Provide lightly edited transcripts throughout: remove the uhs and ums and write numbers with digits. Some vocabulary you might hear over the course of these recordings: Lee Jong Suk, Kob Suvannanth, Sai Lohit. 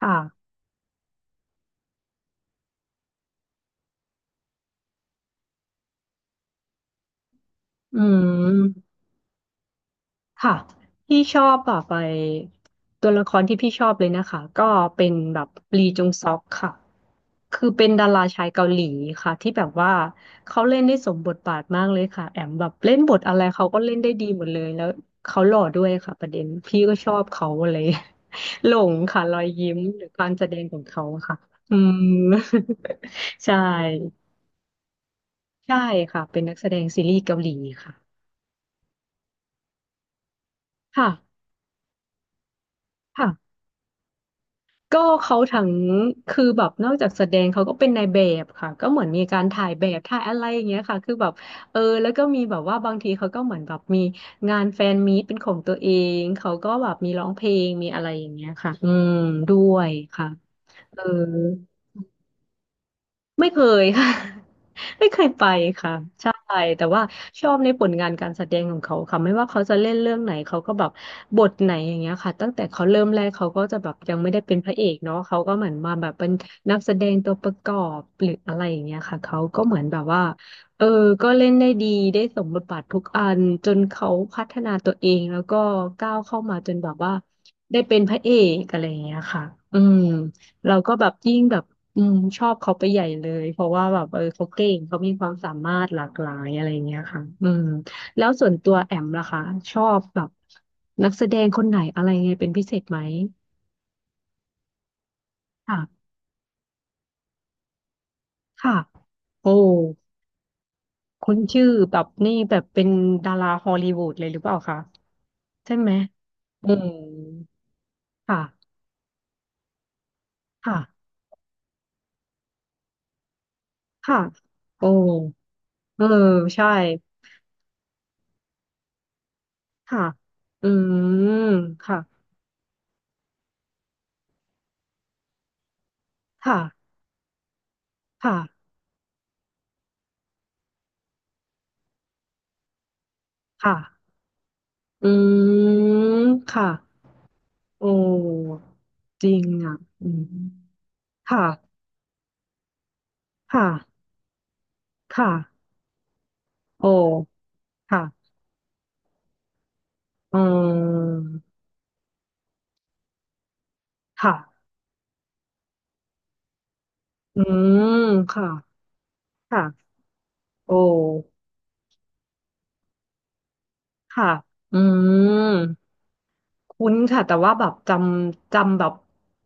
ค่ะอืมค่ะพี่ชอบแบบไปตัวละครที่พี่ชอบเลยนะคะก็เป็นแบบลีจงซอกค่ะคือเป็นดาราชายเกาหลีค่ะที่แบบว่าเขาเล่นได้สมบทบาทมากเลยค่ะแอมแบบเล่นบทอะไรเขาก็เล่นได้ดีหมดเลยแล้วเขาหล่อด้วยค่ะประเด็นพี่ก็ชอบเขาเลย หลงค่ะรอยยิ้มหรือการแสดงของเขาค่ะอืม ใช่ใช่ค่ะเป็นนักแสดงซีรีส์เกาหลีค่ะค่ะ ก็เขาทั้งคือแบบนอกจากแสดงเขาก็เป็นนายแบบค่ะก็เหมือนมีการถ่ายแบบถ่ายอะไรอย่างเงี้ยค่ะคือแบบเออแล้วก็มีแบบว่าบางทีเขาก็เหมือนแบบมีงานแฟนมีตเป็นของตัวเองเขาก็แบบมีร้องเพลงมีอะไรอย่างเงี้ยค่ะอืมด้วยค่ะเออ ไม่เคยค่ะ ไม่เคยไปค่ะใช่แต่ว่าชอบในผลงานการแสดงของเขาค่ะไม่ว่าเขาจะเล่นเรื่องไหนเขาก็แบบบทไหนอย่างเงี้ยค่ะตั้งแต่เขาเริ่มแรกเขาก็จะแบบยังไม่ได้เป็นพระเอกเนาะเขาก็เหมือนมาแบบเป็นนักแสดงตัวประกอบหรืออะไรอย่างเงี้ยค่ะเขาก็เหมือนแบบว่าเออก็เล่นได้ดีได้สมบทบาททุกอันจนเขาพัฒนาตัวเองแล้วก็ก้าวเข้ามาจนแบบว่าได้เป็นพระเอกอะไรอย่างเงี้ยค่ะอืมเราก็แบบยิ่งแบบ อืมชอบเขาไปใหญ่เลยเพราะว่าแบบเออเขาเก่งเขามีความสามารถหลากหลายอะไรเงี้ยค่ะอืมแล้วส่วนตัวแอมล่ะคะชอบแบบนักแสดงคนไหนอะไรไงเป็นพิเศษไหมค่ะค่ะโอ้คุ้นชื่อแบบนี่แบบเป็นดาราฮอลลีวูดเลยหรือเปล่าคะใช่ไหมอืมค่ะค่ะค่ะโอ้เออใช่ค่ะอืมค่ะค่ะค่ะค่ะอืมค่ะ โอ้จริงอ่ะอืมค่ะค่ะค่ะโอ้ค่ะอืมค่ะอืมค่ะค่ะโอ้ค่ะอืมคุ้นค่ะแต่ว่าแบบจำแบบ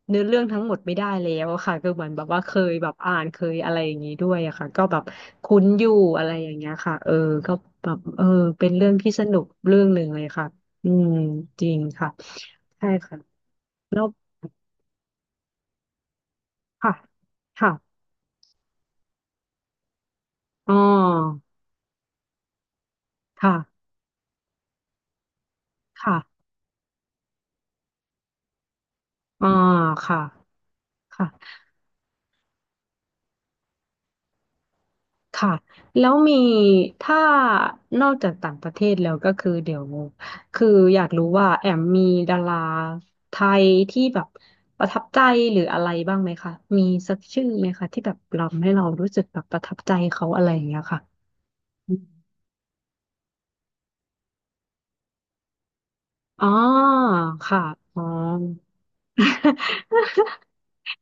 เนื้อเรื่องทั้งหมดไม่ได้แล้วอะค่ะก็เหมือนแบบว่าเคยแบบอ่านเคยอะไรอย่างนี้ด้วยอะค่ะก็แบบคุ้นอยู่อะไรอย่างเงี้ยค่ะเออก็แบบเออเป็นเรื่องที่สนุกเรื่องหนึ่งเลยค่ะอืมจริงค่ะใช่ค่ะแล้ว ค่ะค่ะอ๋อค่ะค่ะอ่าค่ะค่ะค่ะแล้วมีถ้านอกจากต่างประเทศแล้วก็คือเดี๋ยวคืออยากรู้ว่าแอมมีดาราไทยที่แบบประทับใจหรืออะไรบ้างไหมคะมีสักชื่อไหมคะที่แบบเราให้เรารู้สึกแบบประทับใจเขาอะไรอย่างเงี้ยค่ะอ๋อค่ะอ๋อ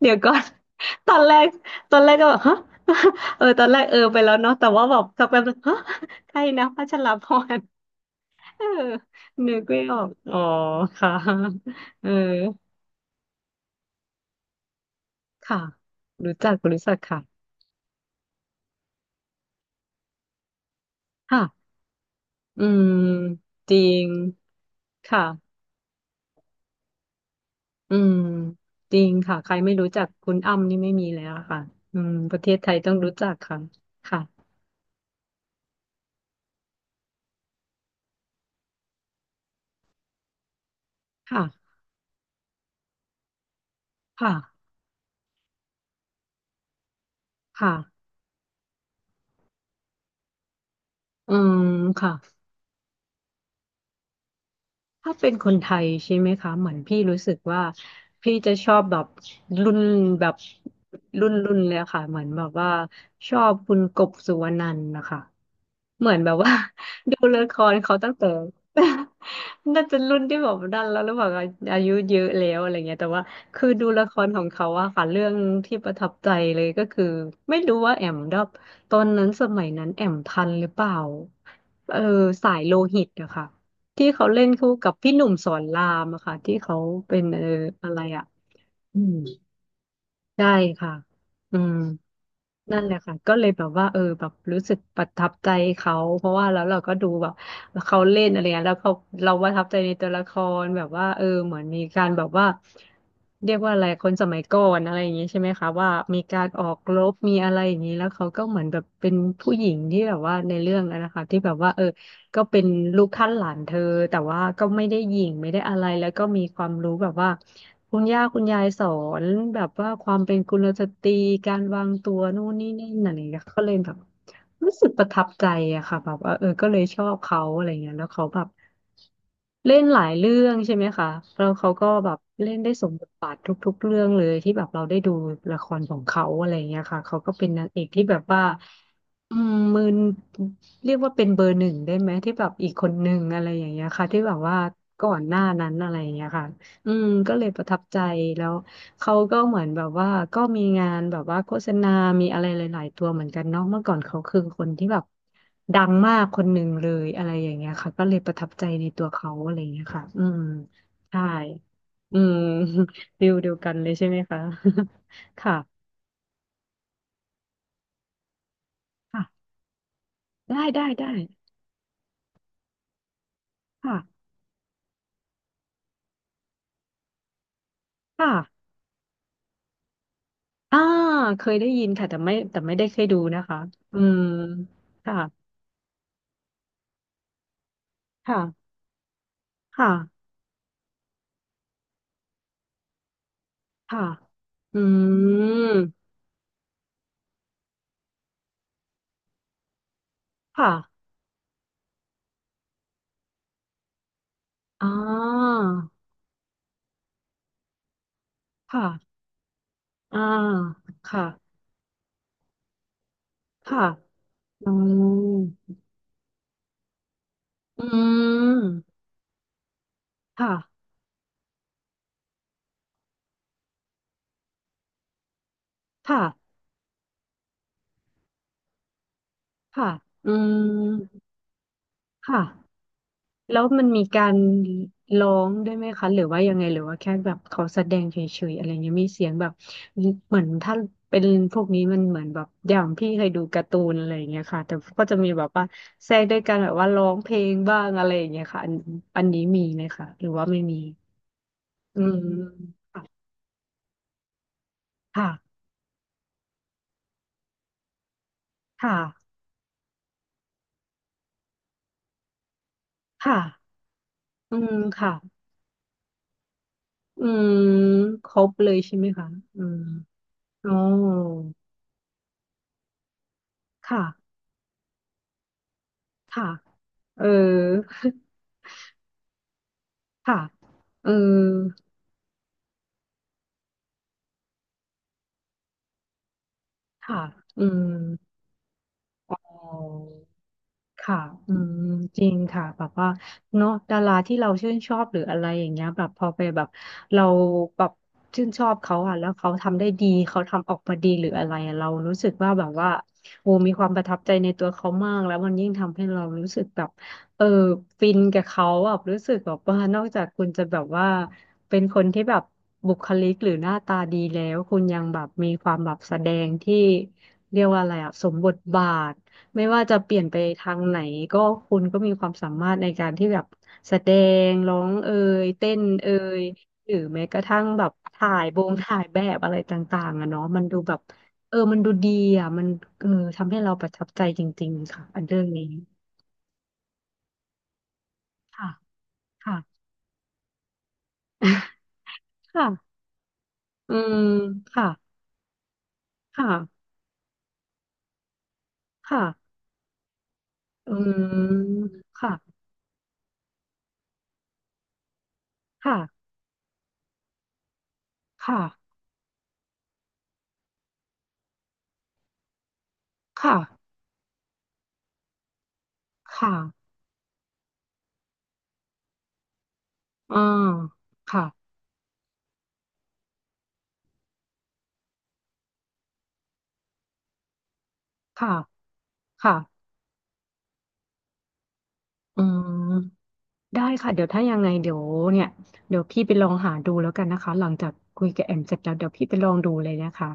เดี๋ยวก่อน ตอนแรกตอนแรกก็แบบฮะ ตอนแรกไปแล้วเนาะแต่ว่าแบบสักแป๊บนึงฮะ ใครนะพัชรพร เออนึกไม่ออกอ๋อค่ะ เออค่ะรู้จักรู้จักค่ะค่ะอืมจริงค่ะอืมจริงค่ะใครไม่รู้จักคุณอ้ำนี่ไม่มีแล้วค่ะอืมประเทศไทยต้องรู้จักค่ะค่ะค่ะค่ะค่ะอืมค่ะ ถ้าเป็นคนไทยใช่ไหมคะเหมือนพี่รู้สึกว่าพี่จะชอบแบบรุ่นแบบรุ่นรุ่นเลยอะค่ะเหมือนแบบว่าชอบคุณกบสุวรรณันท์นะคะเหมือนแบบว่า ดูละครเขาตั้งแต่ น่าจะรุ่นที่แบบดันแล้วหรือเปล่าคะอายุเยอะแล้วอะไรเงี้ยแต่ว่าคือดูละครของเขาอะค่ะเรื่องที่ประทับใจเลยก็คือไม่รู้ว่าแอมดับตอนนั้นสมัยนั้นแอมทันหรือเปล่าเออสายโลหิตอะค่ะ ที่เขาเล่นคู่กับพี่หนุ่มสอนรามอะค่ะที่เขาเป็นอะไรอะอืมใช่ค่ะอืมนั่นแหละค่ะก็เลยแบบว่าแบบรู้สึกประทับใจเขาเพราะว่าแล้วเราก็ดูแบบเขาเล่นอะไรเงี้ยแล้วเขาเราประทับใจในตัวละครแบบว่าเหมือนมีการแบบว่าเรียกว่าอะไรคนสมัยก่อนอะไรอย่างงี้ใช่ไหมคะว่ามีการออกรบมีอะไรอย่างนี้แล้วเขาก็เหมือนแบบเป็นผู้หญิงที่แบบว่าในเรื่องนั้นนะคะที่แบบว่าเออ ก็เป็นลูกท่านหลานเธอแต่ว่าก็ไม่ได้หยิ่งไม่ได้อะไรแล้วก็มีความรู้แบบว่าคุณย่าคุณยายสอนแบบว่าความเป็นกุลสตรีการวางตัวนู่นนี่นั่นอะไรอย่างเงี้ยก็เลยแบบรู้สึกประทับใจอะค่ะแบบว่าก็เลยชอบเขาอะไรเงี้ยแล้วเขาแบบเล่นหลายเรื่องใช่ไหมคะแล้วเขาก็แบบเล่นได้สมบทบาททุกๆเรื่องเลยที่แบบเราได้ดูละครของเขาอะไรเงี้ยค่ะเขาก็เป็นนางเอกที่แบบว่าอืมมืน เรียกว่าเป็นเบอร์หนึ่งได้ไหมที่แบบอีกคนหนึ่งอะไรอย่างเงี้ยค่ะที่แบบว่าก่อนหน้านั้นอะไรอย่างเงี้ยค่ะอืมก็เลยประทับใจแล้วเขาก็เหมือนแบบว่าก็มีงานแบบว่าโฆษณามีอะไรหลายๆตัวเหมือนกันเนาะเมื่อก่อนเขาคือคนที่แบบดังมากคนหนึ่งเลยอะไรอย่างเงี้ยค่ะก็เลยประทับใจในตัวเขาอะไรอย่างเงี้ยค่ะอืมใช่อืม ฟิลเดียวกันเลยใช่ไหมคะ ค่ะค่ะได้ได้ได้ค่ะค่ะ อ่าเคยได้ยินค่ะแต่ไม่แต่ไม่ได้เคยดูนะคะอืมค่ะค่ะค่ะค่ะอืมค่ะอ่าค่ะอ่าค่ะค่ะอืมอืมค่ะค่ะค่ะอืมค่ะ แล้วมันมีการร้องด้วยไหมคะหรือว่ายังไงหรือว่าแค่แบบเขาแสดงเฉยๆอะไรเงี้ยมีเสียงแบบเหมือนถ้าเป็นพวกนี้มันเหมือนแบบอย่างพี่เคยดูการ์ตูนอะไรอย่างเงี้ยค่ะแต่ก็จะมีแบบว่าแทรกด้วยการแบบว่าร้องเพลงบ้างอะไรอย่างเงี้ยค่ะอันอันนี้มีไหมคะหรือว่าไม่มีอืมค่ะค่ะค่ะอืมค่ะอืมครบเลยใช่ไหมคะอืมอ๋อค่ะค่ะเออ ค่ะเออค่ะอืมอ๋อ ค่ะอืมจริงค่ะแบบว่าเนาะดาราที่เราชื่นชอบหรืออะไรอย่างเงี้ยแบบพอไปแบบเราแบบชื่นชอบเขาอ่ะแล้วเขาทำได้ดีเขาทำออกมาดีหรืออะไรอะเรารู้สึกว่าแบบว่าโอ้มีความประทับใจในตัวเขามากแล้วมันยิ่งทำให้เรารู้สึกแบบเออฟินกับเขาอ่ะรู้สึกแบบว่านอกจากคุณจะแบบว่าเป็นคนที่แบบบุคลิกหรือหน้าตาดีแล้ว คุณยังแบบมีความแบบแสดงที่เรียกว่าอะไรอ่ะสมบทบาท ไม่ว่าจะเปลี่ยนไปทางไหนก็คุณก็มีความสามารถในการที่แบบแสดงร้องเต้นเอ่ยหรือแม้กระทั่งแบบถ่ายบงถ่ายแบบอะไรต่างๆอะเนาะมันดูแบบมันดูดีอ่ะมันเออทำให้เราประทับใจจริงๆค่ะอันเรื่องนี้ค่ะค่ะ ค่ะอืมค่ะค่ะค่ะอืมค่ะค่ะค่ะค่ะค่ะอ่าค่ะค่ะค่ะอืม ได้ค่ะเดี๋ยวถ้ายังไงเดี๋ยวเนี่ยเดี๋ยวพี่ไปลองหาดูแล้วกันนะคะหลังจากคุยกับแอมเสร็จแล้วเดี๋ยวพี่ไปลองดูเลยนะคะ